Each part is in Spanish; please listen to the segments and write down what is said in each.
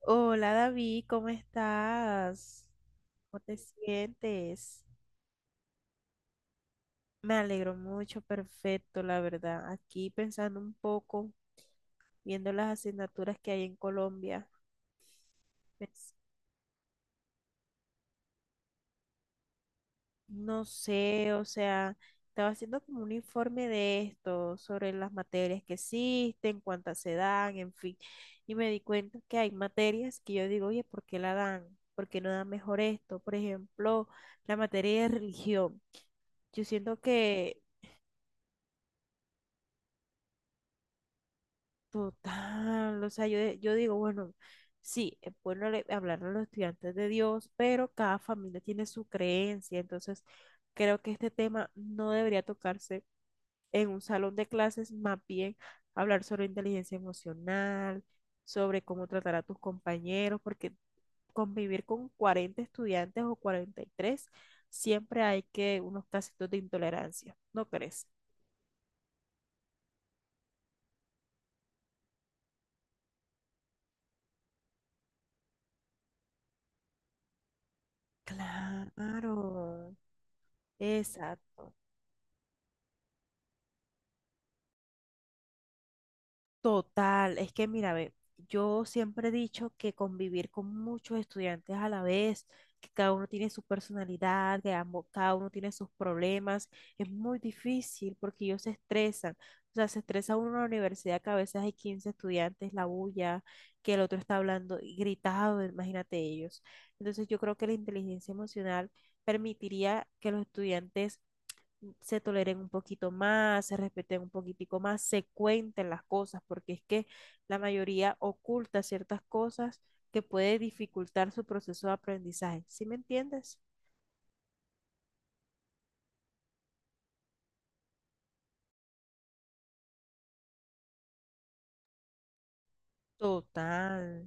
Hola David, ¿cómo estás? ¿Cómo te sientes? Me alegro mucho, perfecto, la verdad. Aquí pensando un poco, viendo las asignaturas que hay en Colombia, pues, no sé, o sea, estaba haciendo como un informe de esto, sobre las materias que existen, cuántas se dan, en fin, y me di cuenta que hay materias que yo digo, oye, ¿por qué la dan? ¿Por qué no dan mejor esto? Por ejemplo, la materia de religión. Yo siento que total, o sea, yo digo, bueno, sí, hablarle a los estudiantes de Dios, pero cada familia tiene su creencia, entonces creo que este tema no debería tocarse en un salón de clases, más bien hablar sobre inteligencia emocional, sobre cómo tratar a tus compañeros, porque convivir con 40 estudiantes o 43 siempre hay que unos casitos de intolerancia, ¿no crees? Claro, exacto. Total, es que mira, ve, yo siempre he dicho que convivir con muchos estudiantes a la vez, que cada uno tiene su personalidad, que ambos, cada uno tiene sus problemas, es muy difícil porque ellos se estresan. O sea, se estresa uno en la universidad que a veces hay 15 estudiantes, la bulla, que el otro está hablando y gritado, imagínate ellos. Entonces yo creo que la inteligencia emocional permitiría que los estudiantes se toleren un poquito más, se respeten un poquitico más, se cuenten las cosas, porque es que la mayoría oculta ciertas cosas que puede dificultar su proceso de aprendizaje. ¿Sí me entiendes? Total.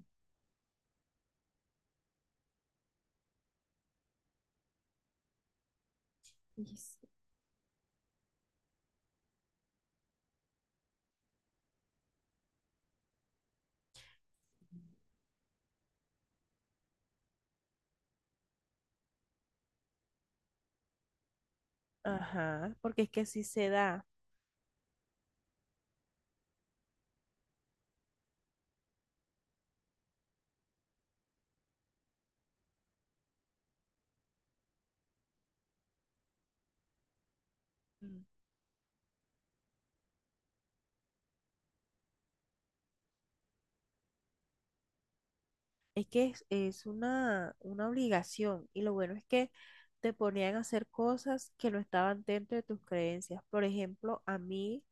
Y sí. Ajá, porque es que así se da. Mm. Es una obligación y lo bueno es que te ponían a hacer cosas que no estaban dentro de tus creencias. Por ejemplo, a mí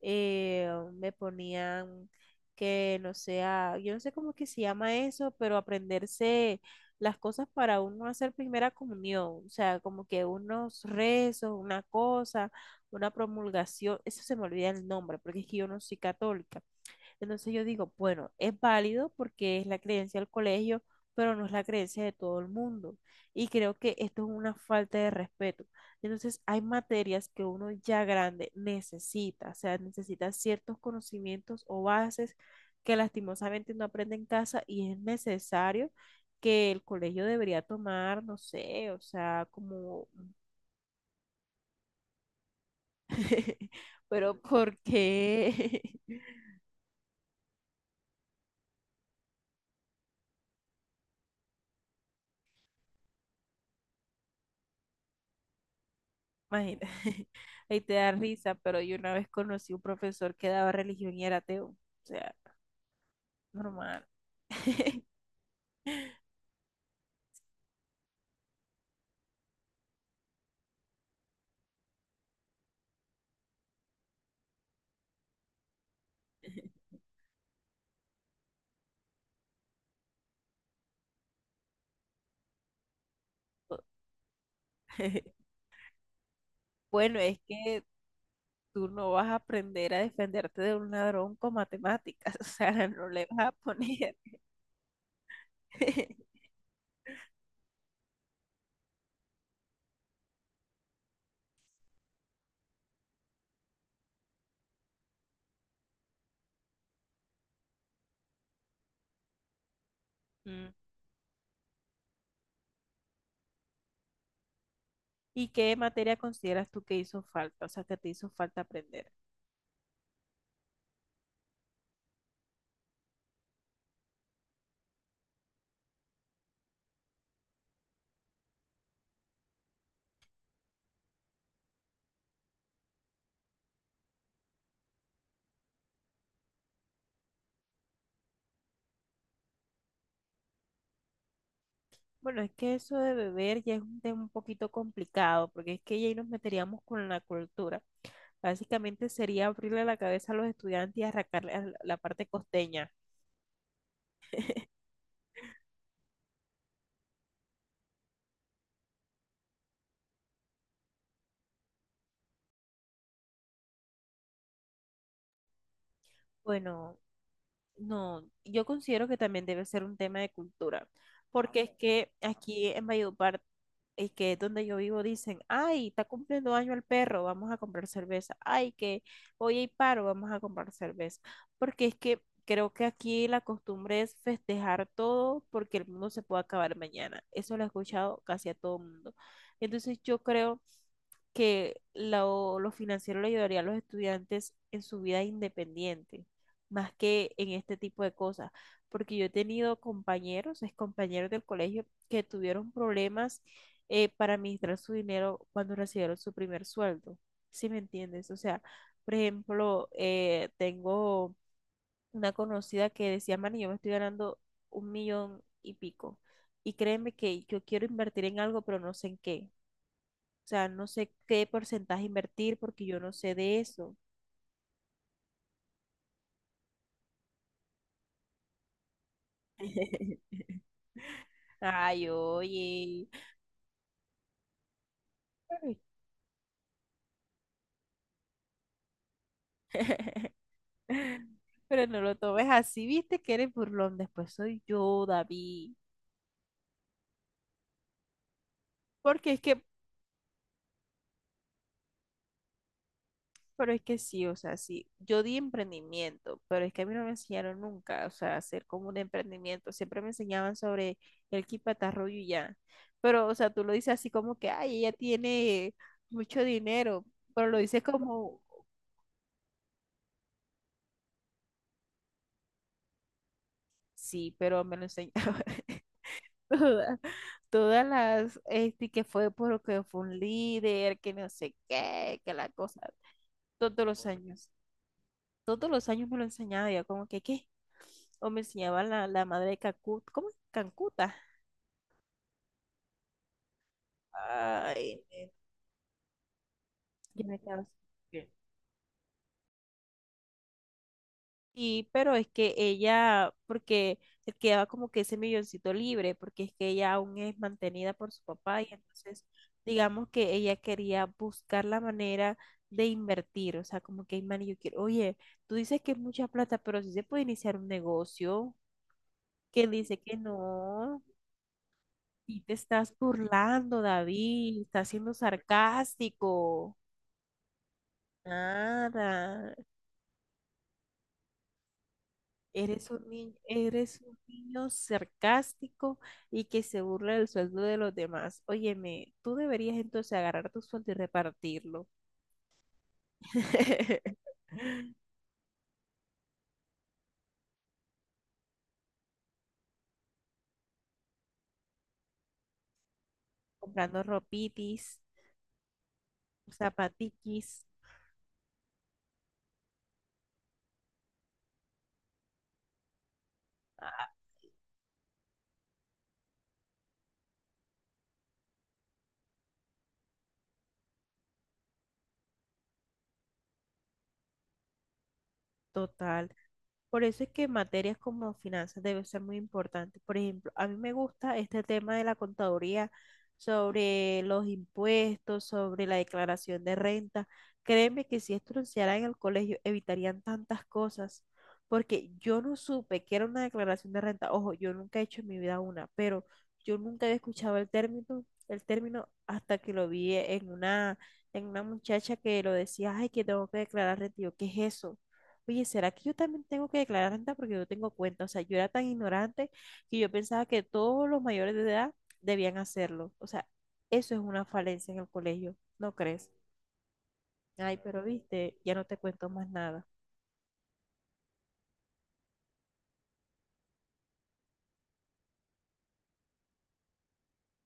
eh, me ponían que no sea, yo no sé cómo es que se llama eso, pero aprenderse las cosas para uno hacer primera comunión, o sea, como que unos rezos, una cosa, una promulgación, eso se me olvida el nombre, porque es que yo no soy católica, entonces yo digo, bueno, es válido porque es la creencia del colegio, pero no es la creencia de todo el mundo. Y creo que esto es una falta de respeto. Entonces hay materias que uno ya grande necesita, o sea, necesita ciertos conocimientos o bases que lastimosamente no aprende en casa y es necesario que el colegio debería tomar, no sé, o sea, como, pero ¿por qué? Imagina, ahí te da risa, pero yo una vez conocí un profesor que daba religión y era ateo. O sea, normal. Bueno, es que tú no vas a aprender a defenderte de un ladrón con matemáticas, o sea, no le vas a poner. Mm. ¿Y qué materia consideras tú que hizo falta, o sea, que te hizo falta aprender? Bueno, es que eso de beber ya es un tema un poquito complicado, porque es que ya ahí nos meteríamos con la cultura. Básicamente sería abrirle la cabeza a los estudiantes y arrancarle a la parte costeña. Bueno, no, yo considero que también debe ser un tema de cultura, porque es que aquí en Valledupar, es que es donde yo vivo, dicen, ay, está cumpliendo año el perro, vamos a comprar cerveza, ay, que hoy hay paro, vamos a comprar cerveza, porque es que creo que aquí la costumbre es festejar todo porque el mundo se puede acabar mañana, eso lo he escuchado casi a todo el mundo. Entonces yo creo que lo financiero le ayudaría a los estudiantes en su vida independiente, más que en este tipo de cosas, porque yo he tenido compañeros, ex compañeros del colegio, que tuvieron problemas para administrar su dinero cuando recibieron su primer sueldo, ¿sí me entiendes? O sea, por ejemplo, tengo una conocida que decía, Mani, yo me estoy ganando 1 millón y pico. Y créeme que yo quiero invertir en algo, pero no sé en qué. O sea, no sé qué porcentaje invertir porque yo no sé de eso. Ay, oye. Ay. Pero no lo tomes así, viste que eres burlón, después soy yo, David. Porque es que, pero es que sí, o sea, sí, yo di emprendimiento, pero es que a mí no me enseñaron nunca, o sea, hacer como un emprendimiento, siempre me enseñaban sobre el quipatarrullo y ya. Pero, o sea, tú lo dices así como que, ay, ella tiene mucho dinero, pero lo dices como, sí, pero me lo enseñaba. Toda- todas las, este, que fue porque fue un líder, que no sé qué, que la cosa, todos los años, todos los años me lo enseñaba, yo como que, ¿qué? O me enseñaba la, la madre de Cacut, ¿cómo es? Cancuta. Ay, yo me quedaba así. Sí, pero es que ella, porque le quedaba como que ese milloncito libre, porque es que ella aún es mantenida por su papá y entonces digamos que ella quería buscar la manera de invertir, o sea, como que, "Ay, man, yo quiero, oye, tú dices que es mucha plata, pero si se puede iniciar un negocio, que él dice que no, y te estás burlando, David, estás siendo sarcástico, nada. Eres un niño sarcástico y que se burla del sueldo de los demás. Óyeme, tú deberías entonces agarrar tu sueldo y repartirlo. Comprando ropitis, zapatiquis. Ah, total. Por eso es que materias como finanzas deben ser muy importantes. Por ejemplo, a mí me gusta este tema de la contaduría sobre los impuestos, sobre la declaración de renta. Créeme que si esto lo enseñaran en el colegio, evitarían tantas cosas, porque yo no supe que era una declaración de renta. Ojo, yo nunca he hecho en mi vida una, pero yo nunca había escuchado el término hasta que lo vi en una muchacha que lo decía, ay, que tengo que declarar renta. Y yo, ¿qué es eso? Oye, ¿será que yo también tengo que declarar renta porque yo tengo cuenta? O sea, yo era tan ignorante que yo pensaba que todos los mayores de edad debían hacerlo. O sea, eso es una falencia en el colegio, ¿no crees? Ay, pero viste, ya no te cuento más nada.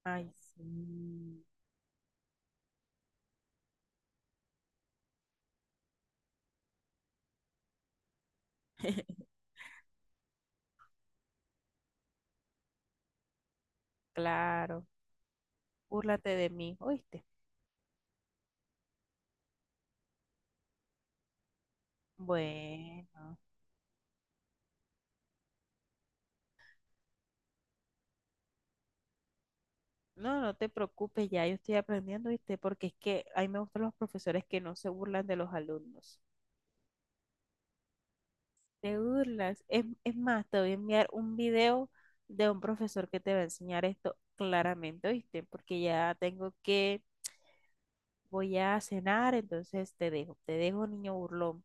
Ay, sí, claro. Búrlate de mí, ¿oíste? Bueno, no, no te preocupes, ya yo estoy aprendiendo, ¿viste? Porque es que a mí me gustan los profesores que no se burlan de los alumnos. Te burlas. Es más, te voy a enviar un video de un profesor que te va a enseñar esto claramente, ¿oíste? Porque ya tengo que, voy a cenar, entonces te dejo, niño burlón.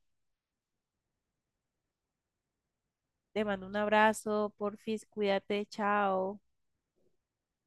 Te mando un abrazo, porfis, cuídate, chao.